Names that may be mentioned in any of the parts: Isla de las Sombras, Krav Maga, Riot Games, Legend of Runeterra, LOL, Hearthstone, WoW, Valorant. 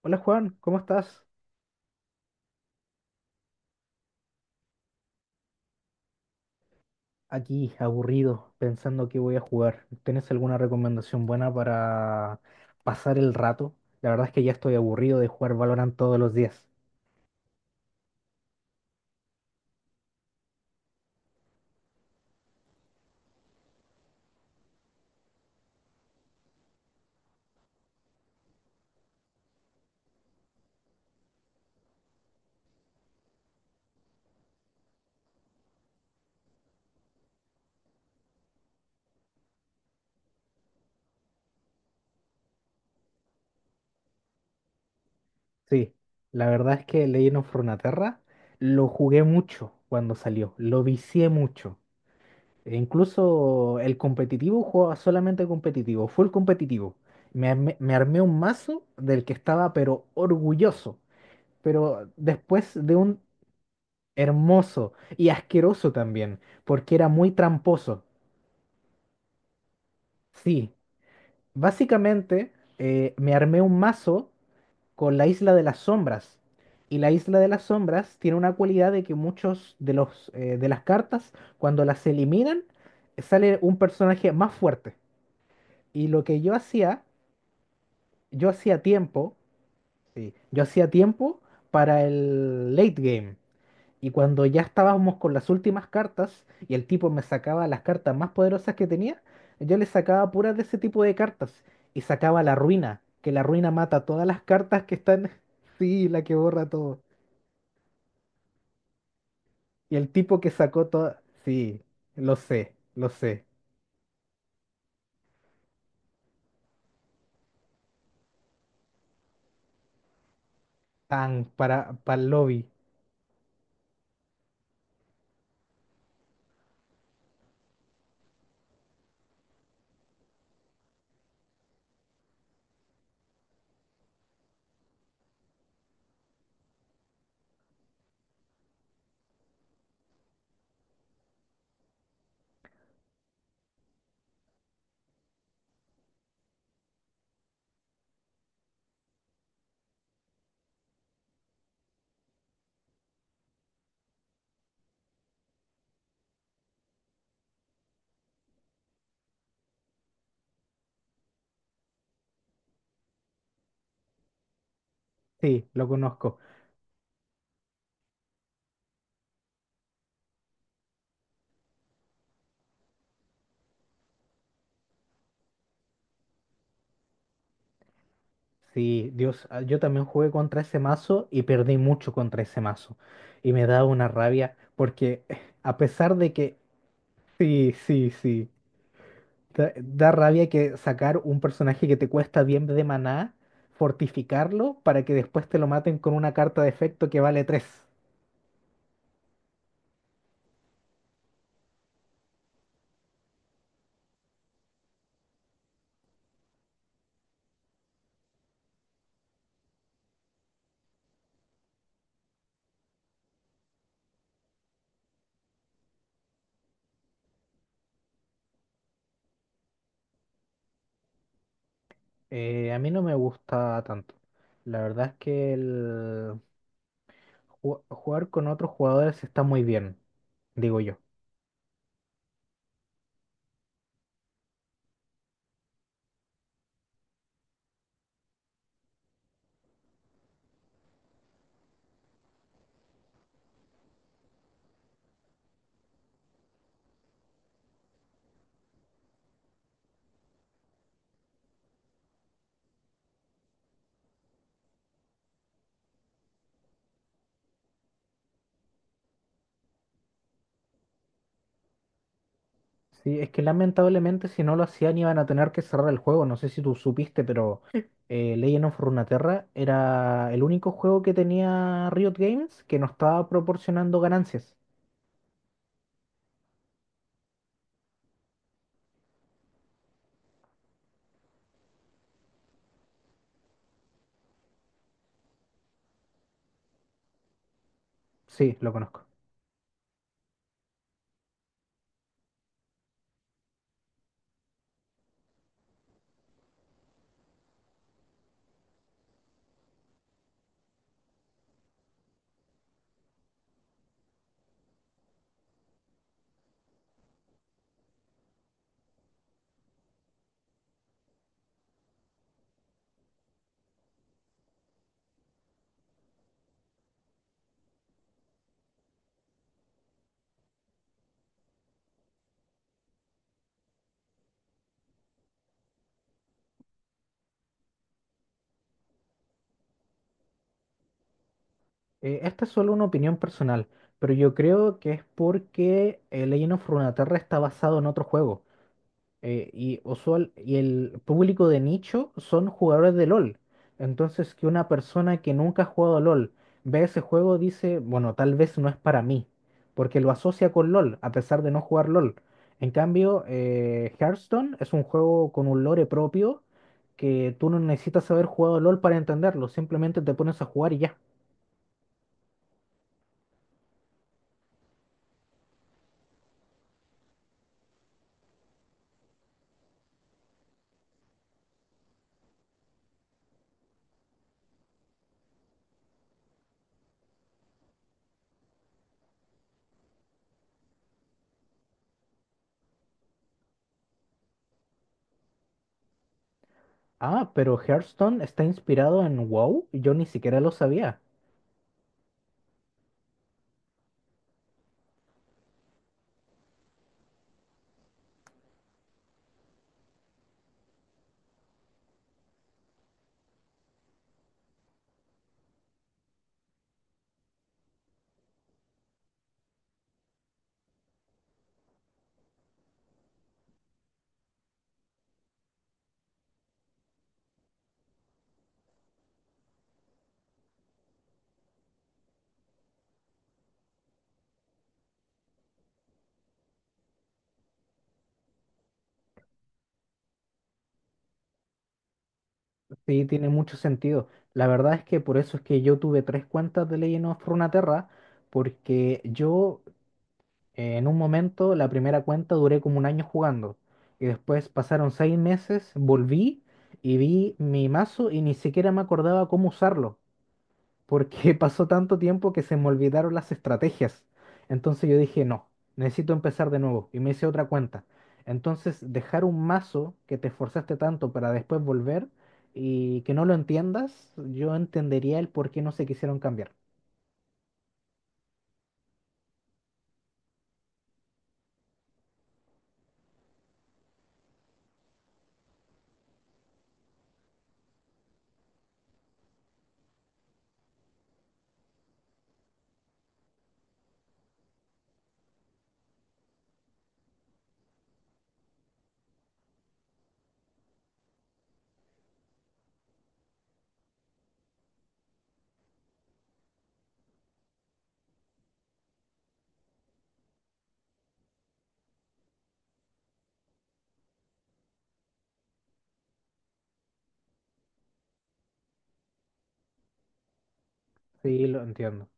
Hola Juan, ¿cómo estás? Aquí, aburrido, pensando que voy a jugar. ¿Tienes alguna recomendación buena para pasar el rato? La verdad es que ya estoy aburrido de jugar Valorant todos los días. Sí, la verdad es que Legend of Runeterra lo jugué mucho cuando salió, lo vicié mucho. E incluso el competitivo jugaba solamente competitivo, full competitivo. Me armé un mazo del que estaba pero orgulloso. Pero después de un hermoso y asqueroso también, porque era muy tramposo. Sí, básicamente me armé un mazo con la Isla de las Sombras. Y la Isla de las Sombras tiene una cualidad de que muchos de los de las cartas, cuando las eliminan, sale un personaje más fuerte. Y lo que yo hacía, yo hacía tiempo, sí, yo hacía tiempo para el late game. Y cuando ya estábamos con las últimas cartas y el tipo me sacaba las cartas más poderosas que tenía, yo le sacaba puras de ese tipo de cartas y sacaba la ruina, que la ruina mata todas las cartas que están. Sí, la que borra todo. Y el tipo que sacó todas. Sí, lo sé, lo sé. Tan, para el lobby. Sí, lo conozco. Sí, Dios, ah, yo también jugué contra ese mazo y perdí mucho contra ese mazo. Y me daba una rabia porque a pesar de que. Sí, sí, sí. Da rabia que sacar un personaje que te cuesta bien de maná, fortificarlo para que después te lo maten con una carta de efecto que vale 3. A mí no me gusta tanto. La verdad es que el jugar con otros jugadores está muy bien, digo yo. Sí, es que lamentablemente si no lo hacían iban a tener que cerrar el juego. No sé si tú supiste, pero Legend of Runeterra era el único juego que tenía Riot Games que no estaba proporcionando ganancias. Sí, lo conozco. Esta es solo una opinión personal, pero yo creo que es porque Legend of Runeterra está basado en otro juego. Y y el público de nicho son jugadores de LOL. Entonces, que una persona que nunca ha jugado a LOL ve ese juego, dice, bueno, tal vez no es para mí, porque lo asocia con LOL, a pesar de no jugar LOL. En cambio, Hearthstone es un juego con un lore propio que tú no necesitas haber jugado LOL para entenderlo, simplemente te pones a jugar y ya. Ah, pero Hearthstone está inspirado en WoW. Yo ni siquiera lo sabía. Sí, tiene mucho sentido. La verdad es que por eso es que yo tuve tres cuentas de Legend of Runeterra, porque yo en un momento, la primera cuenta duré como un año jugando. Y después pasaron seis meses, volví y vi mi mazo y ni siquiera me acordaba cómo usarlo, porque pasó tanto tiempo que se me olvidaron las estrategias. Entonces yo dije, no, necesito empezar de nuevo y me hice otra cuenta. Entonces dejar un mazo que te esforzaste tanto para después volver y que no lo entiendas, yo entendería el por qué no se quisieron cambiar. Sí, lo entiendo.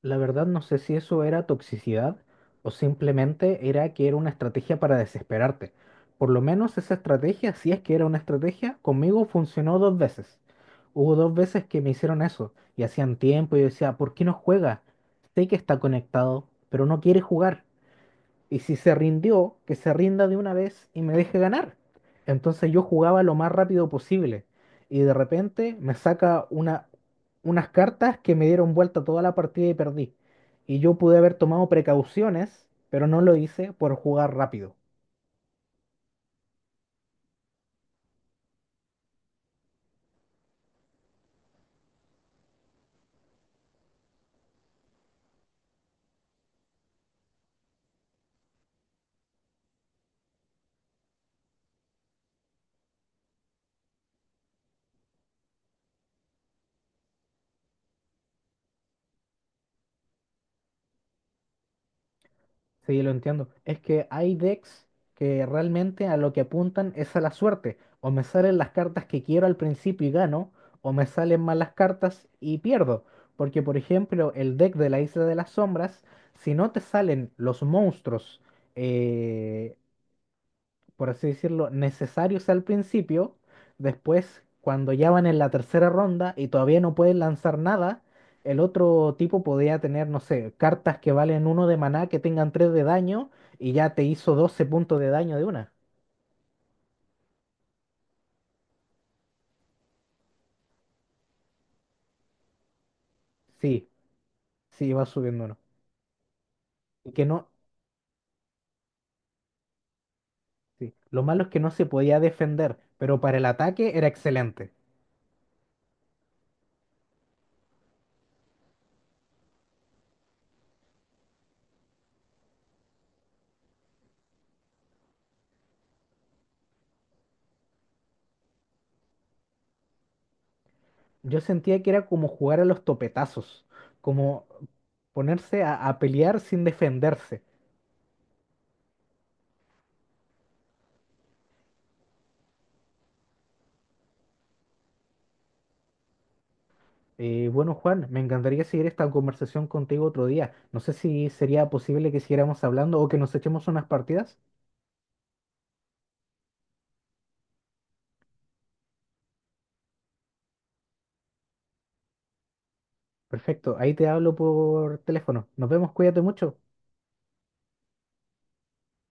La verdad no sé si eso era toxicidad o simplemente era que era una estrategia para desesperarte. Por lo menos esa estrategia, si es que era una estrategia, conmigo funcionó dos veces. Hubo dos veces que me hicieron eso y hacían tiempo y yo decía, ¿por qué no juega? Sé que está conectado, pero no quiere jugar. Y si se rindió, que se rinda de una vez y me deje ganar. Entonces yo jugaba lo más rápido posible. Y de repente me saca unas cartas que me dieron vuelta toda la partida y perdí. Y yo pude haber tomado precauciones, pero no lo hice por jugar rápido. Sí, lo entiendo. Es que hay decks que realmente a lo que apuntan es a la suerte. O me salen las cartas que quiero al principio y gano, o me salen malas cartas y pierdo. Porque, por ejemplo, el deck de la Isla de las Sombras, si no te salen los monstruos eh, por así decirlo, necesarios al principio. Después, cuando ya van en la tercera ronda y todavía no pueden lanzar nada, el otro tipo podía tener, no sé, cartas que valen uno de maná que tengan tres de daño y ya te hizo 12 puntos de daño de una. Sí, sí, va subiendo uno. Y que no, sí. Lo malo es que no se podía defender, pero para el ataque era excelente. Yo sentía que era como jugar a los topetazos, como ponerse a pelear sin defenderse. Bueno, Juan, me encantaría seguir esta conversación contigo otro día. No sé si sería posible que siguiéramos hablando o que nos echemos unas partidas. Perfecto, ahí te hablo por teléfono. Nos vemos, cuídate mucho.